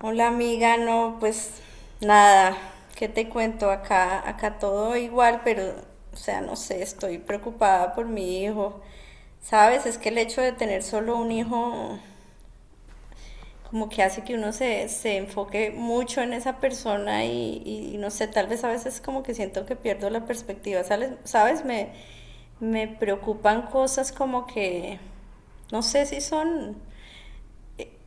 Hola amiga, no, pues nada, ¿qué te cuento? Acá todo igual, pero, o sea, no sé, estoy preocupada por mi hijo. ¿Sabes? Es que el hecho de tener solo un hijo como que hace que uno se enfoque mucho en esa persona y no sé, tal vez a veces como que siento que pierdo la perspectiva, ¿sabes? ¿Sabes? Me preocupan cosas como que, no sé si son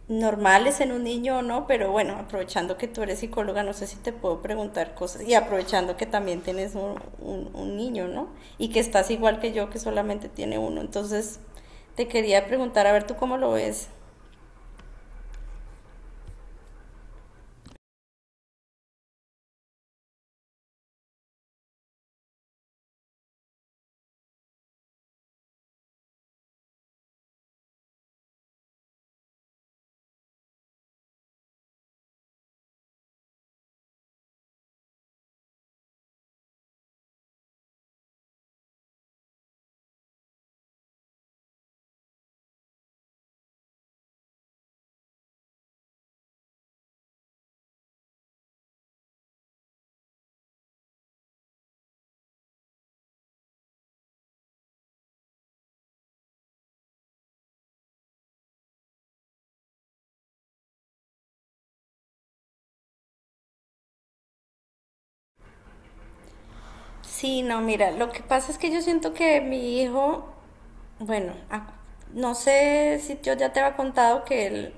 normales en un niño o no, pero bueno, aprovechando que tú eres psicóloga, no sé si te puedo preguntar cosas, y aprovechando que también tienes un niño, ¿no? Y que estás igual que yo, que solamente tiene uno. Entonces, te quería preguntar, a ver, ¿tú cómo lo ves? Sí, no, mira, lo que pasa es que yo siento que mi hijo, bueno, no sé si yo ya te había contado que él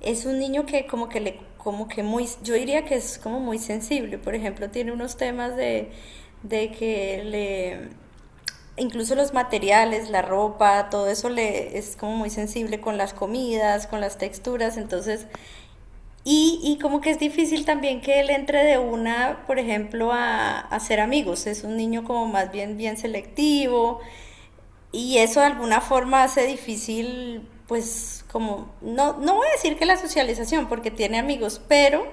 es un niño que como que le, como que muy, yo diría que es como muy sensible. Por ejemplo, tiene unos temas de, que le, incluso los materiales, la ropa, todo eso le es como muy sensible, con las comidas, con las texturas. Entonces, y como que es difícil también que él entre de una, por ejemplo, a ser amigos. Es un niño como más bien bien selectivo, y eso de alguna forma hace difícil, pues como, no, no voy a decir que la socialización, porque tiene amigos, pero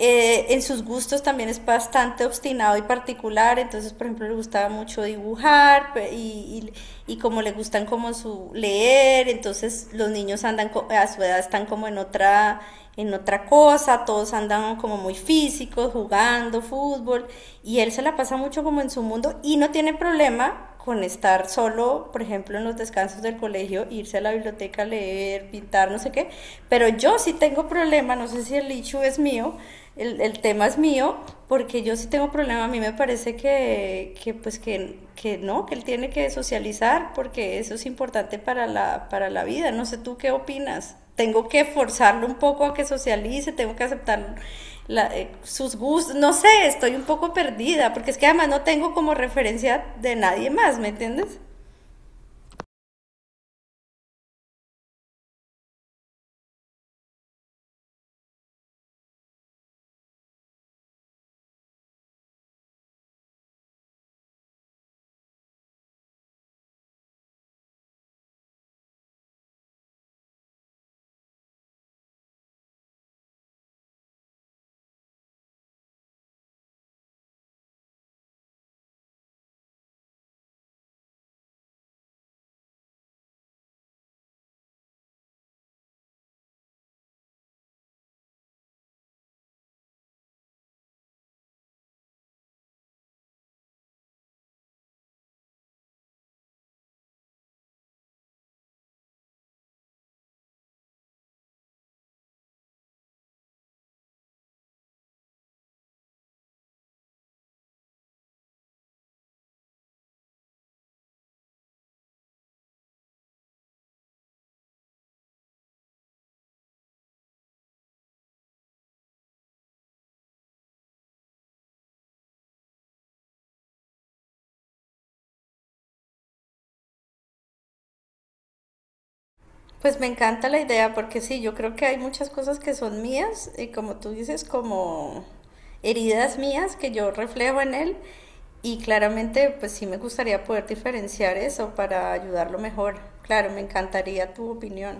en sus gustos también es bastante obstinado y particular. Entonces, por ejemplo, le gustaba mucho dibujar y como le gustan como su leer. Entonces los niños andan a su edad están como en otra cosa, todos andan como muy físicos, jugando fútbol, y él se la pasa mucho como en su mundo y no tiene problema con estar solo, por ejemplo, en los descansos del colegio, irse a la biblioteca a leer, pintar, no sé qué. Pero yo sí tengo problema, no sé si el issue es mío, el tema es mío, porque yo sí tengo problema. A mí me parece que pues, que no, que él tiene que socializar, porque eso es importante para la vida. No sé tú qué opinas. Tengo que forzarlo un poco a que socialice, tengo que aceptarlo, sus gustos, no sé, estoy un poco perdida, porque es que además no tengo como referencia de nadie más, ¿me entiendes? Pues me encanta la idea, porque sí, yo creo que hay muchas cosas que son mías, y como tú dices, como heridas mías que yo reflejo en él, y claramente pues sí me gustaría poder diferenciar eso para ayudarlo mejor. Claro, me encantaría tu opinión.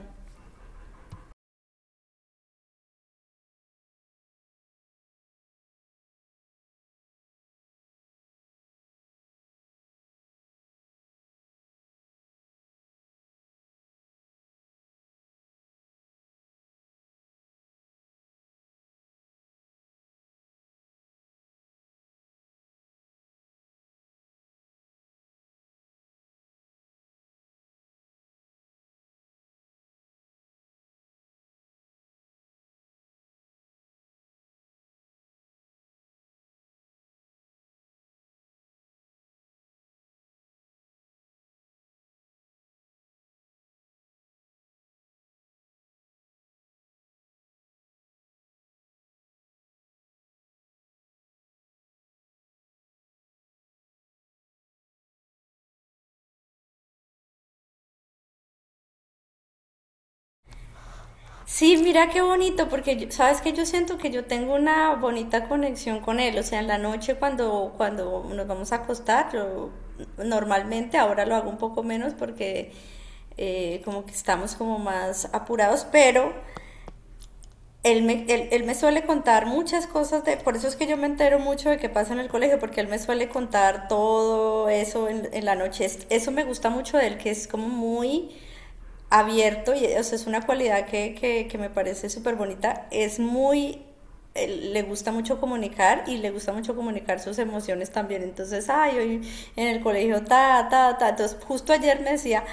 Sí, mira qué bonito, porque sabes que yo siento que yo tengo una bonita conexión con él. O sea, en la noche, cuando, nos vamos a acostar, yo normalmente ahora lo hago un poco menos, porque como que estamos como más apurados, pero él me suele contar muchas cosas, por eso es que yo me entero mucho de qué pasa en el colegio, porque él me suele contar todo eso en la noche. Eso me gusta mucho de él, que es como muy abierto. Y, o sea, es una cualidad que me parece súper bonita. Es muy eh, Le gusta mucho comunicar, y le gusta mucho comunicar sus emociones también. Entonces, ay, hoy en el colegio, ta, ta, ta. Entonces, justo ayer me decía,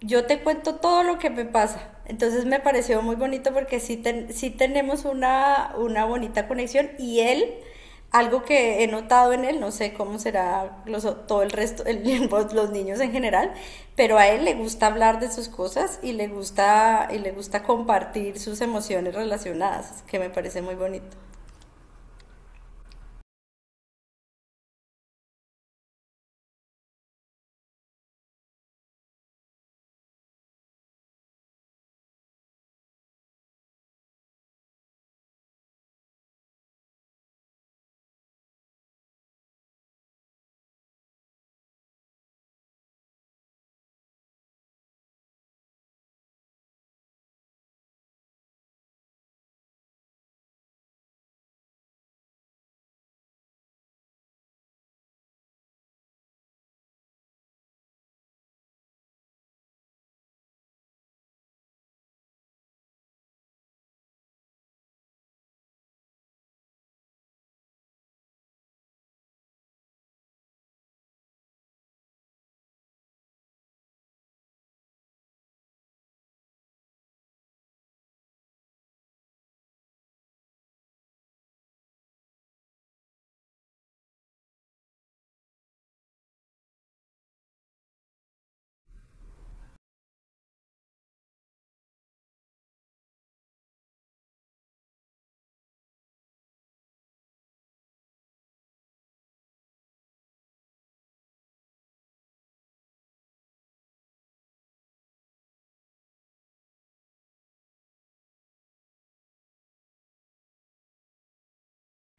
yo te cuento todo lo que me pasa. Entonces, me pareció muy bonito, porque sí, sí tenemos una, bonita conexión, y él, algo que he notado en él, no sé cómo será todo el resto, pues, los niños en general, pero a él le gusta hablar de sus cosas, y le gusta compartir sus emociones relacionadas, que me parece muy bonito.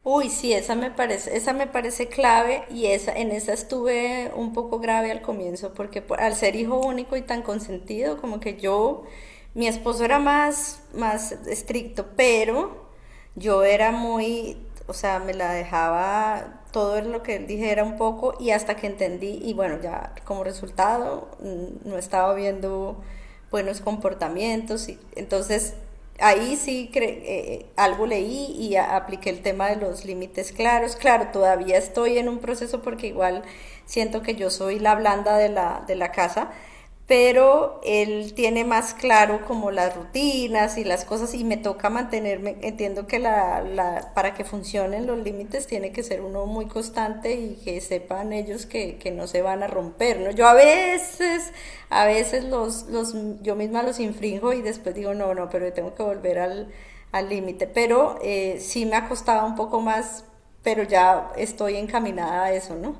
Uy, sí, esa me parece clave, en esa estuve un poco grave al comienzo, porque al ser hijo único y tan consentido, como que yo, mi esposo era más estricto, pero yo era muy, o sea, me la dejaba todo lo que él dijera un poco, y hasta que entendí. Y bueno, ya como resultado no estaba viendo buenos comportamientos, y entonces ahí sí cre algo leí y apliqué el tema de los límites claros. Claro, todavía estoy en un proceso porque igual siento que yo soy la blanda de la, casa, pero él tiene más claro como las rutinas y las cosas, y me toca mantenerme. Entiendo que la, para que funcionen los límites, tiene que ser uno muy constante, y que sepan ellos que, no se van a romper, ¿no? Yo a veces, los, yo misma los infringo, y después digo, no, no, pero tengo que volver al límite. Pero sí me ha costado un poco más, pero ya estoy encaminada a eso, ¿no?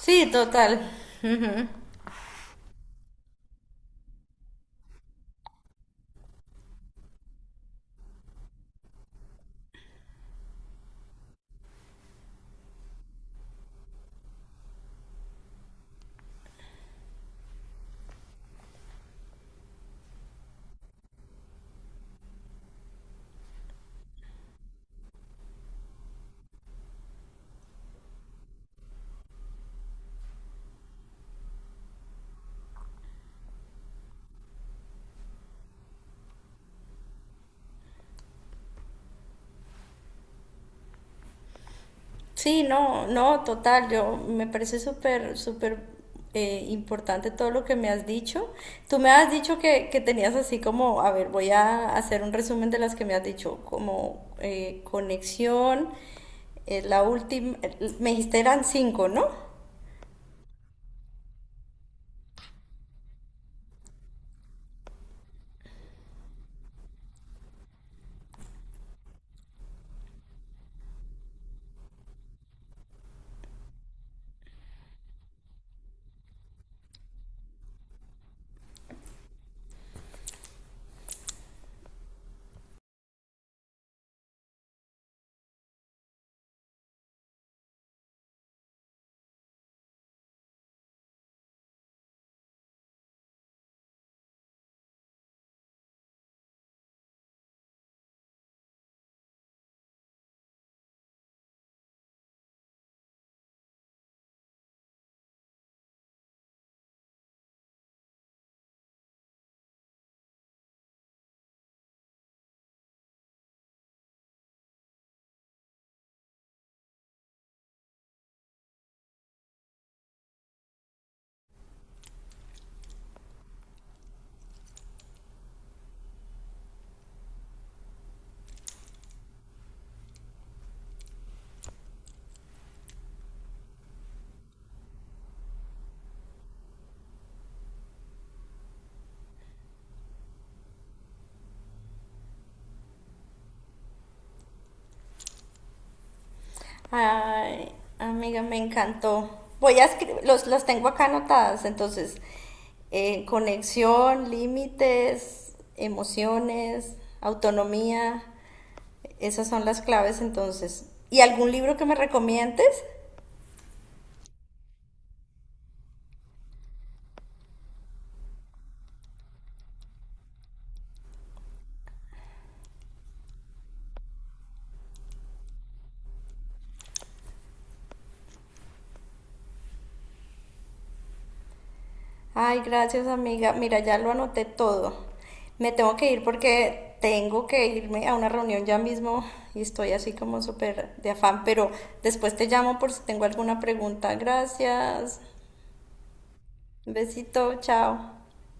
Sí, total. Sí, no, no, total, yo me parece súper, súper importante todo lo que me has dicho. Tú me has dicho que tenías así como, a ver, voy a hacer un resumen de las que me has dicho, como conexión, la última, me dijiste eran cinco, ¿no? Ay, amiga, me encantó. Voy a escribir, las tengo acá anotadas, entonces, conexión, límites, emociones, autonomía. Esas son las claves entonces. ¿Y algún libro que me recomiendes? Ay, gracias amiga. Mira, ya lo anoté todo. Me tengo que ir porque tengo que irme a una reunión ya mismo, y estoy así como súper de afán, pero después te llamo por si tengo alguna pregunta. Gracias. Besito, chao.